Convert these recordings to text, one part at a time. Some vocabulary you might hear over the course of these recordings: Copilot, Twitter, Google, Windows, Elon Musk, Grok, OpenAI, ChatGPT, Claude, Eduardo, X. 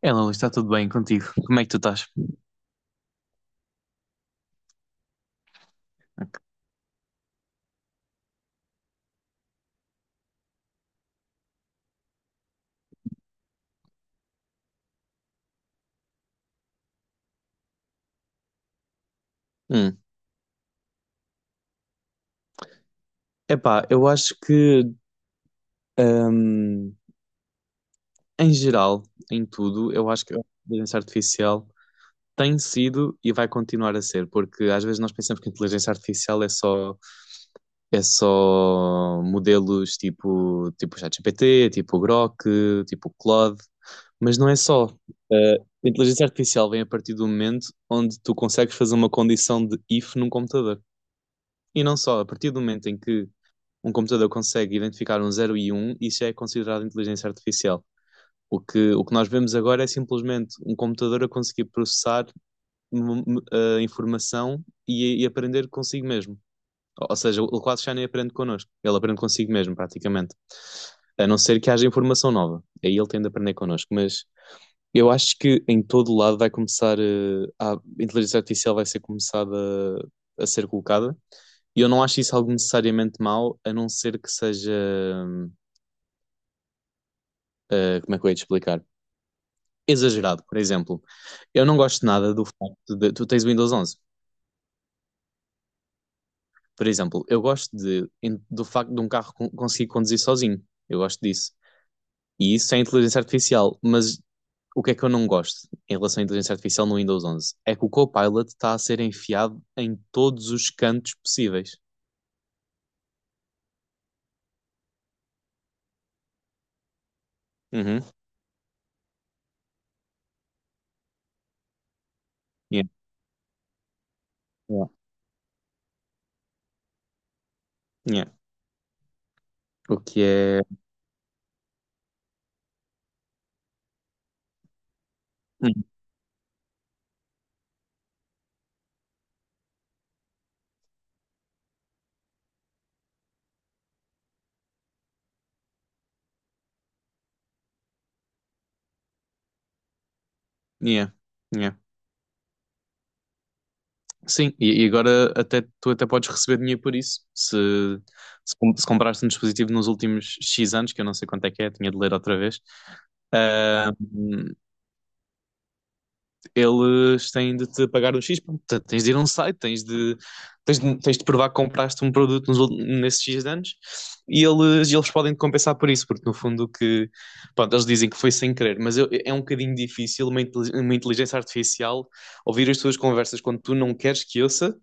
É, Luís, está tudo bem contigo? Como é que tu estás? Hum, Epá, eu acho que, hum, em geral, em tudo, eu acho que a inteligência artificial tem sido e vai continuar a ser, porque às vezes nós pensamos que a inteligência artificial é só modelos tipo ChatGPT, tipo Grok, tipo Claude, mas não é só. Eh, a inteligência artificial vem a partir do momento onde tu consegues fazer uma condição de if num computador. E não só, a partir do momento em que um computador consegue identificar um zero e um, isso já é considerado inteligência artificial. O que nós vemos agora é simplesmente um computador a conseguir processar a informação e aprender consigo mesmo. Ou seja, ele quase já nem aprende connosco, ele aprende consigo mesmo, praticamente. A não ser que haja informação nova, aí ele tende a aprender connosco, mas eu acho que em todo lado vai começar, inteligência artificial vai ser começada a ser colocada. E eu não acho isso algo necessariamente mau, a não ser que seja, como é que eu ia te explicar? Exagerado, por exemplo. Eu não gosto nada do facto de tu tens o Windows 11. Por exemplo, eu gosto de, do facto de um carro conseguir conduzir sozinho. Eu gosto disso. E isso é inteligência artificial, mas. O que é que eu não gosto em relação à inteligência artificial no Windows 11? É que o Copilot está a ser enfiado em todos os cantos possíveis. Uhum. Yeah, yeah, yeah. O que é. Hum. Yeah, yeah. Sim, e agora até, tu até podes receber dinheiro por isso. Se compraste um dispositivo nos últimos X anos, que eu não sei quanto é que é, tinha de ler outra vez. Ah, hum, eles têm de te pagar um X, portanto, tens de ir a um site, tens de provar que compraste um produto nesses X anos e eles podem te compensar por isso, porque no fundo que, pronto, eles dizem que foi sem querer, mas é um bocadinho difícil uma inteligência artificial ouvir as tuas conversas quando tu não queres que ouça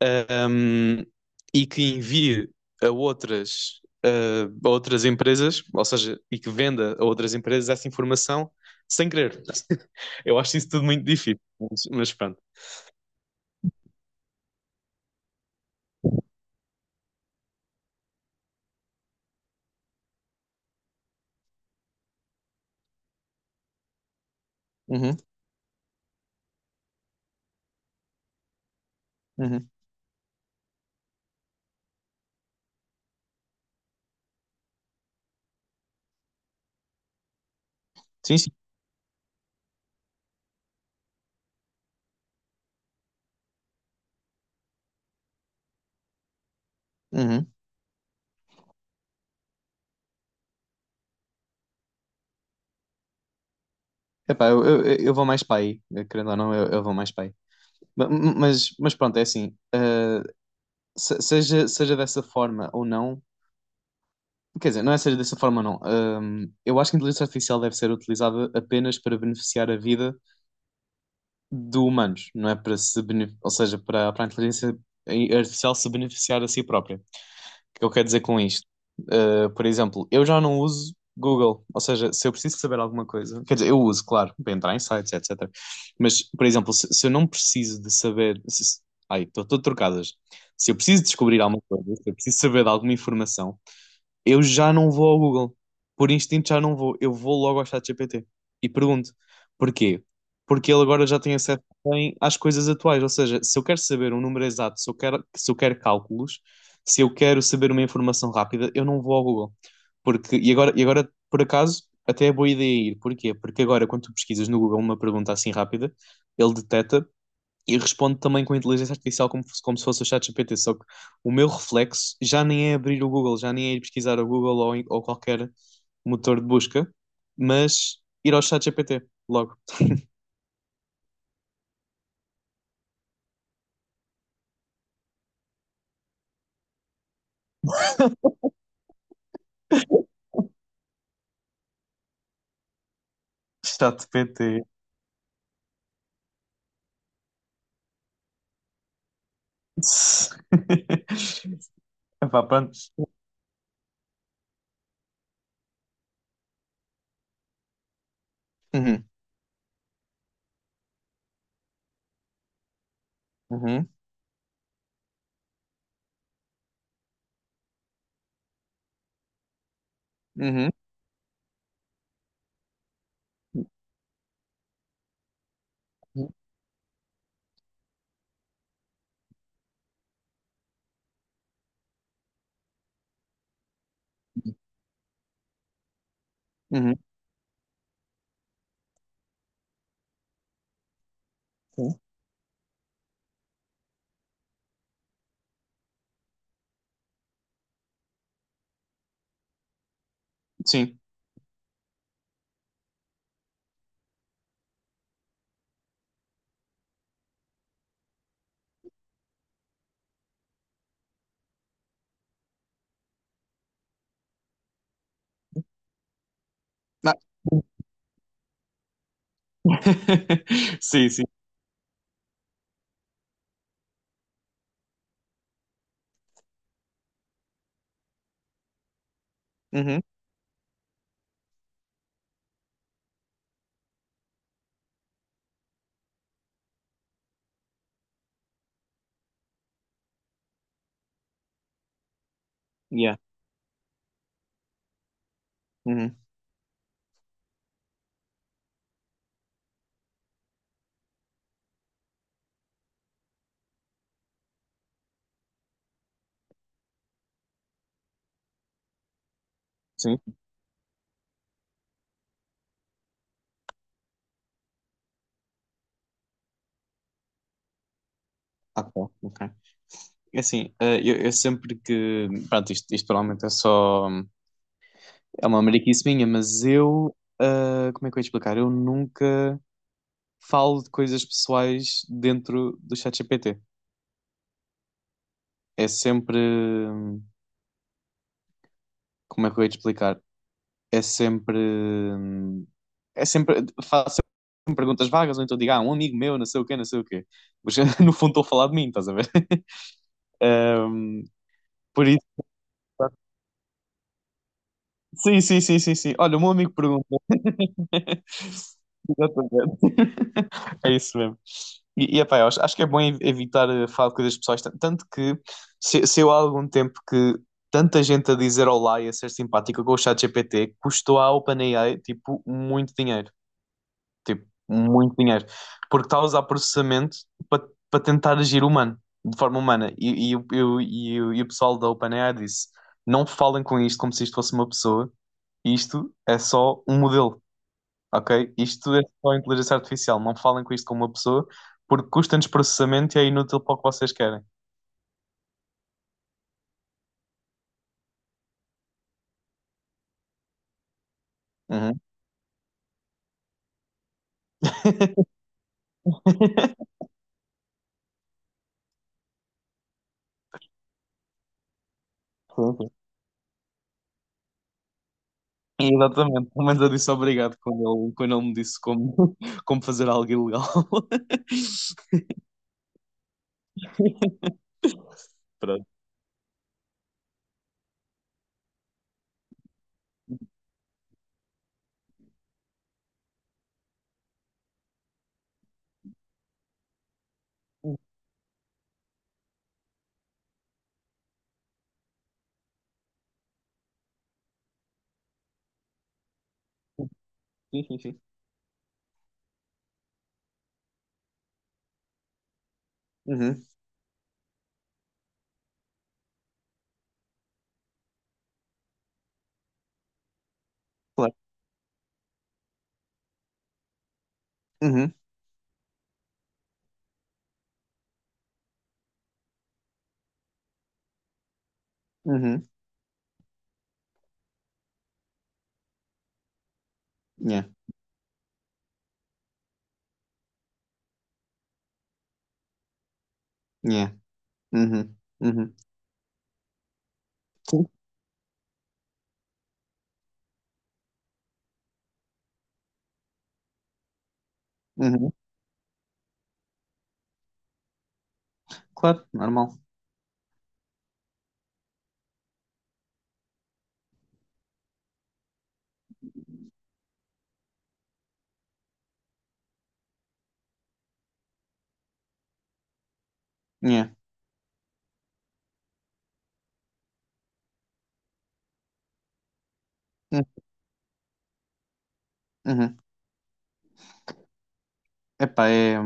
ahm, e que envie a outras empresas, ou seja, e que venda a outras empresas essa informação sem querer. Eu acho isso tudo muito difícil, mas pronto. Uhum, uhum. Sim, sim. Uhum. Epá, eu vou mais para aí, querendo ou não, eu vou mais para aí. Mas pronto, é assim, seja dessa forma ou não, quer dizer, não é seja dessa forma ou não, eu acho que a inteligência artificial deve ser utilizada apenas para beneficiar a vida de humanos, não é para se bene- ou seja, para a inteligência artificial se beneficiar a si própria. O que eu quero dizer com isto? Por exemplo, eu já não uso Google, ou seja, se eu preciso saber alguma coisa, quer dizer, eu uso, claro, para entrar em sites, etc. Mas, por exemplo, se eu não preciso de saber, ai, estou todo trocadas. Se eu preciso descobrir alguma coisa, se eu preciso saber de alguma informação, eu já não vou ao Google. Por instinto já não vou. Eu vou logo ao ChatGPT e pergunto porquê? Porque ele agora já tem acesso também às coisas atuais. Ou seja, se eu quero saber um número exato, se eu quero cálculos, se eu quero saber uma informação rápida, eu não vou ao Google. Porque, e agora, por acaso, até é boa ideia ir. Porquê? Porque agora, quando tu pesquisas no Google uma pergunta assim rápida, ele detecta e respondo também com a inteligência artificial como, como se fosse o ChatGPT, só que o meu reflexo já nem é abrir o Google, já nem é ir pesquisar o Google ou qualquer motor de busca, mas ir ao ChatGPT logo. ChatGPT. Epá, pronto. Uhum, uhum, uhum, uhum, uhum. Sim. Ah. Sim, sim. Uhum, yeah. Uhum, sim. Ah, tá, ok. É assim, eu sempre que. Pronto, isto provavelmente é só. É uma mariquice minha, mas eu, como é que eu ia explicar? Eu nunca falo de coisas pessoais dentro do ChatGPT. É sempre, como é que eu ia te explicar? É sempre, é sempre, faço sempre perguntas vagas, ou então digo, um amigo meu, não sei o quê, não sei o quê. Mas no fundo estou a falar de mim, estás a ver? Hum, por isso, sim, sim, sim, sim, sim. Olha, o meu amigo pergunta, exatamente. É isso mesmo. E epá, eu acho que é bom evitar falar de coisas pessoais, tanto que se eu há algum tempo que tanta gente a dizer olá e a ser simpática com o ChatGPT custou à OpenAI tipo muito dinheiro, porque está a usar processamento para tentar agir humano, de forma humana. E o pessoal da OpenAI disse: Não falem com isto como se isto fosse uma pessoa, isto é só um modelo. Ok? Isto é só inteligência artificial. Não falem com isto com uma pessoa, porque custa-nos processamento e é inútil para o que vocês querem. Uhum. Sim, sim. Exatamente. Pelo menos eu disse obrigado quando quando ele me disse como, como fazer algo ilegal. Pronto. Sim, sim, sim. Uhum, claro. Uhum, uhum. Yeah, yeah. Uhum, uhum. Sim. Uhum. Claro, normal. Yeah. Uhum. Uhum. Epá, é.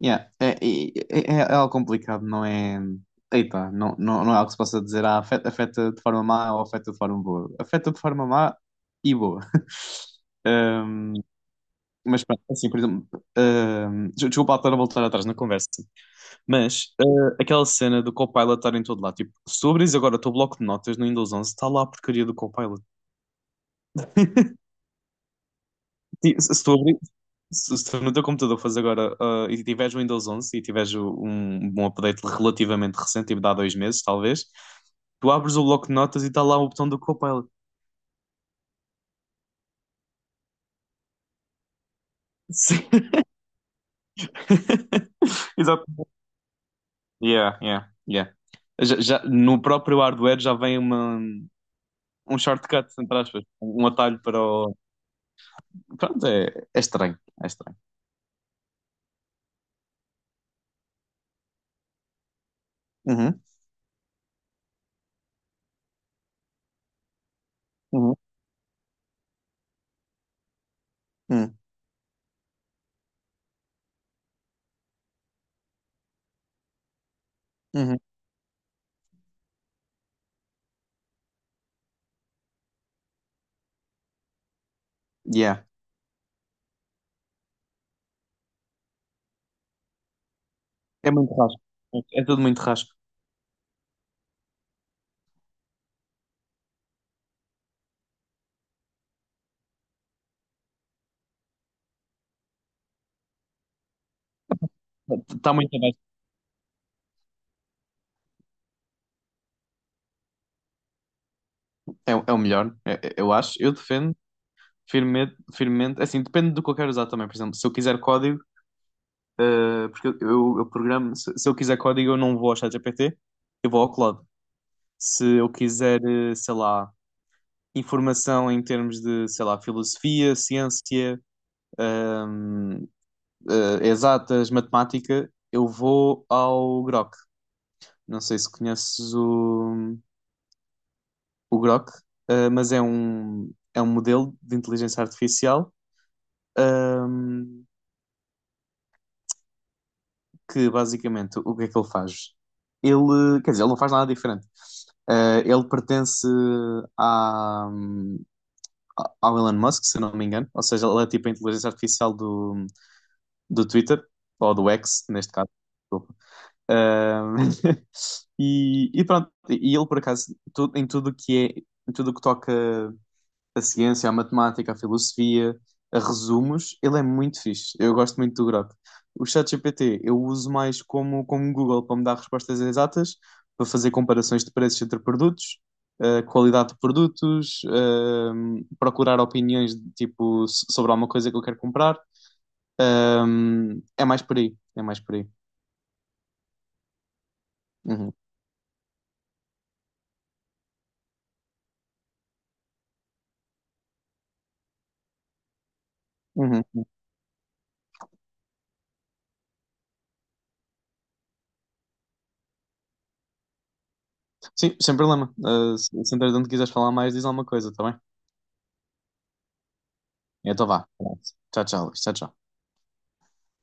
Yeah, é algo complicado, não é? Eita, não, não, não é algo que se possa dizer, afeta de forma má ou afeta de forma boa. Afeta de forma má e boa. Ahm, mas pronto, é assim, por exemplo, desculpa lá estar a voltar atrás na conversa, mas aquela cena do Copilot estar em todo lado, tipo, se tu abris agora o teu bloco de notas no Windows 11 está lá a porcaria do Copilot. Ti- Se se tu abri- se tu no teu computador fores agora e tiveres o Windows onze e tiveres um update relativamente recente, tipo de há 2 meses, talvez, tu abres o bloco de notas e está lá o botão do Copilot. Sim. Exato. Yeah, yeah, yeah. No próprio hardware já vem um shortcut, entre aspas, um atalho para o. Pronto, é estranho. É estranho. Uhum, uhum, uhum, uhum. Yeah. É muito rasco. É tudo muito rasco. Está muito abaixo. É o melhor, eu acho. Eu defendo firmemente, é assim, depende do que eu quero usar também. Por exemplo, se eu quiser código, porque eu programo, se eu quiser código, eu não vou ao ChatGPT, eu vou ao Claude. Se eu quiser, sei lá, informação em termos de, sei lá, filosofia, ciência, ahm, exatas, matemática, eu vou ao Grok. Não sei se conheces o Grok, mas é um, modelo de inteligência artificial. ahm, que basicamente o que é que ele faz? Ele, quer dizer, ele não faz nada diferente. Ele pertence à, ao Elon Musk, se eu não me engano, ou seja, ele é tipo a inteligência artificial do Twitter, ou do X, neste caso. Desculpa. Eh, e pronto, e ele por acaso, em tudo que toca a ciência, a matemática, a filosofia, a resumos, ele é muito fixe. Eu gosto muito do Grok. O ChatGPT eu uso mais como, Google para me dar respostas exatas, para fazer comparações de preços entre produtos, qualidade de produtos, procurar opiniões de, tipo sobre alguma coisa que eu quero comprar. É mais por aí, é mais por aí. Uhum, uhum. Sim, sem problema. Se entretanto quiseres falar mais, diz alguma coisa, tá bem? Então vá. Tchau, tchau, Luís. Tchau, tchau.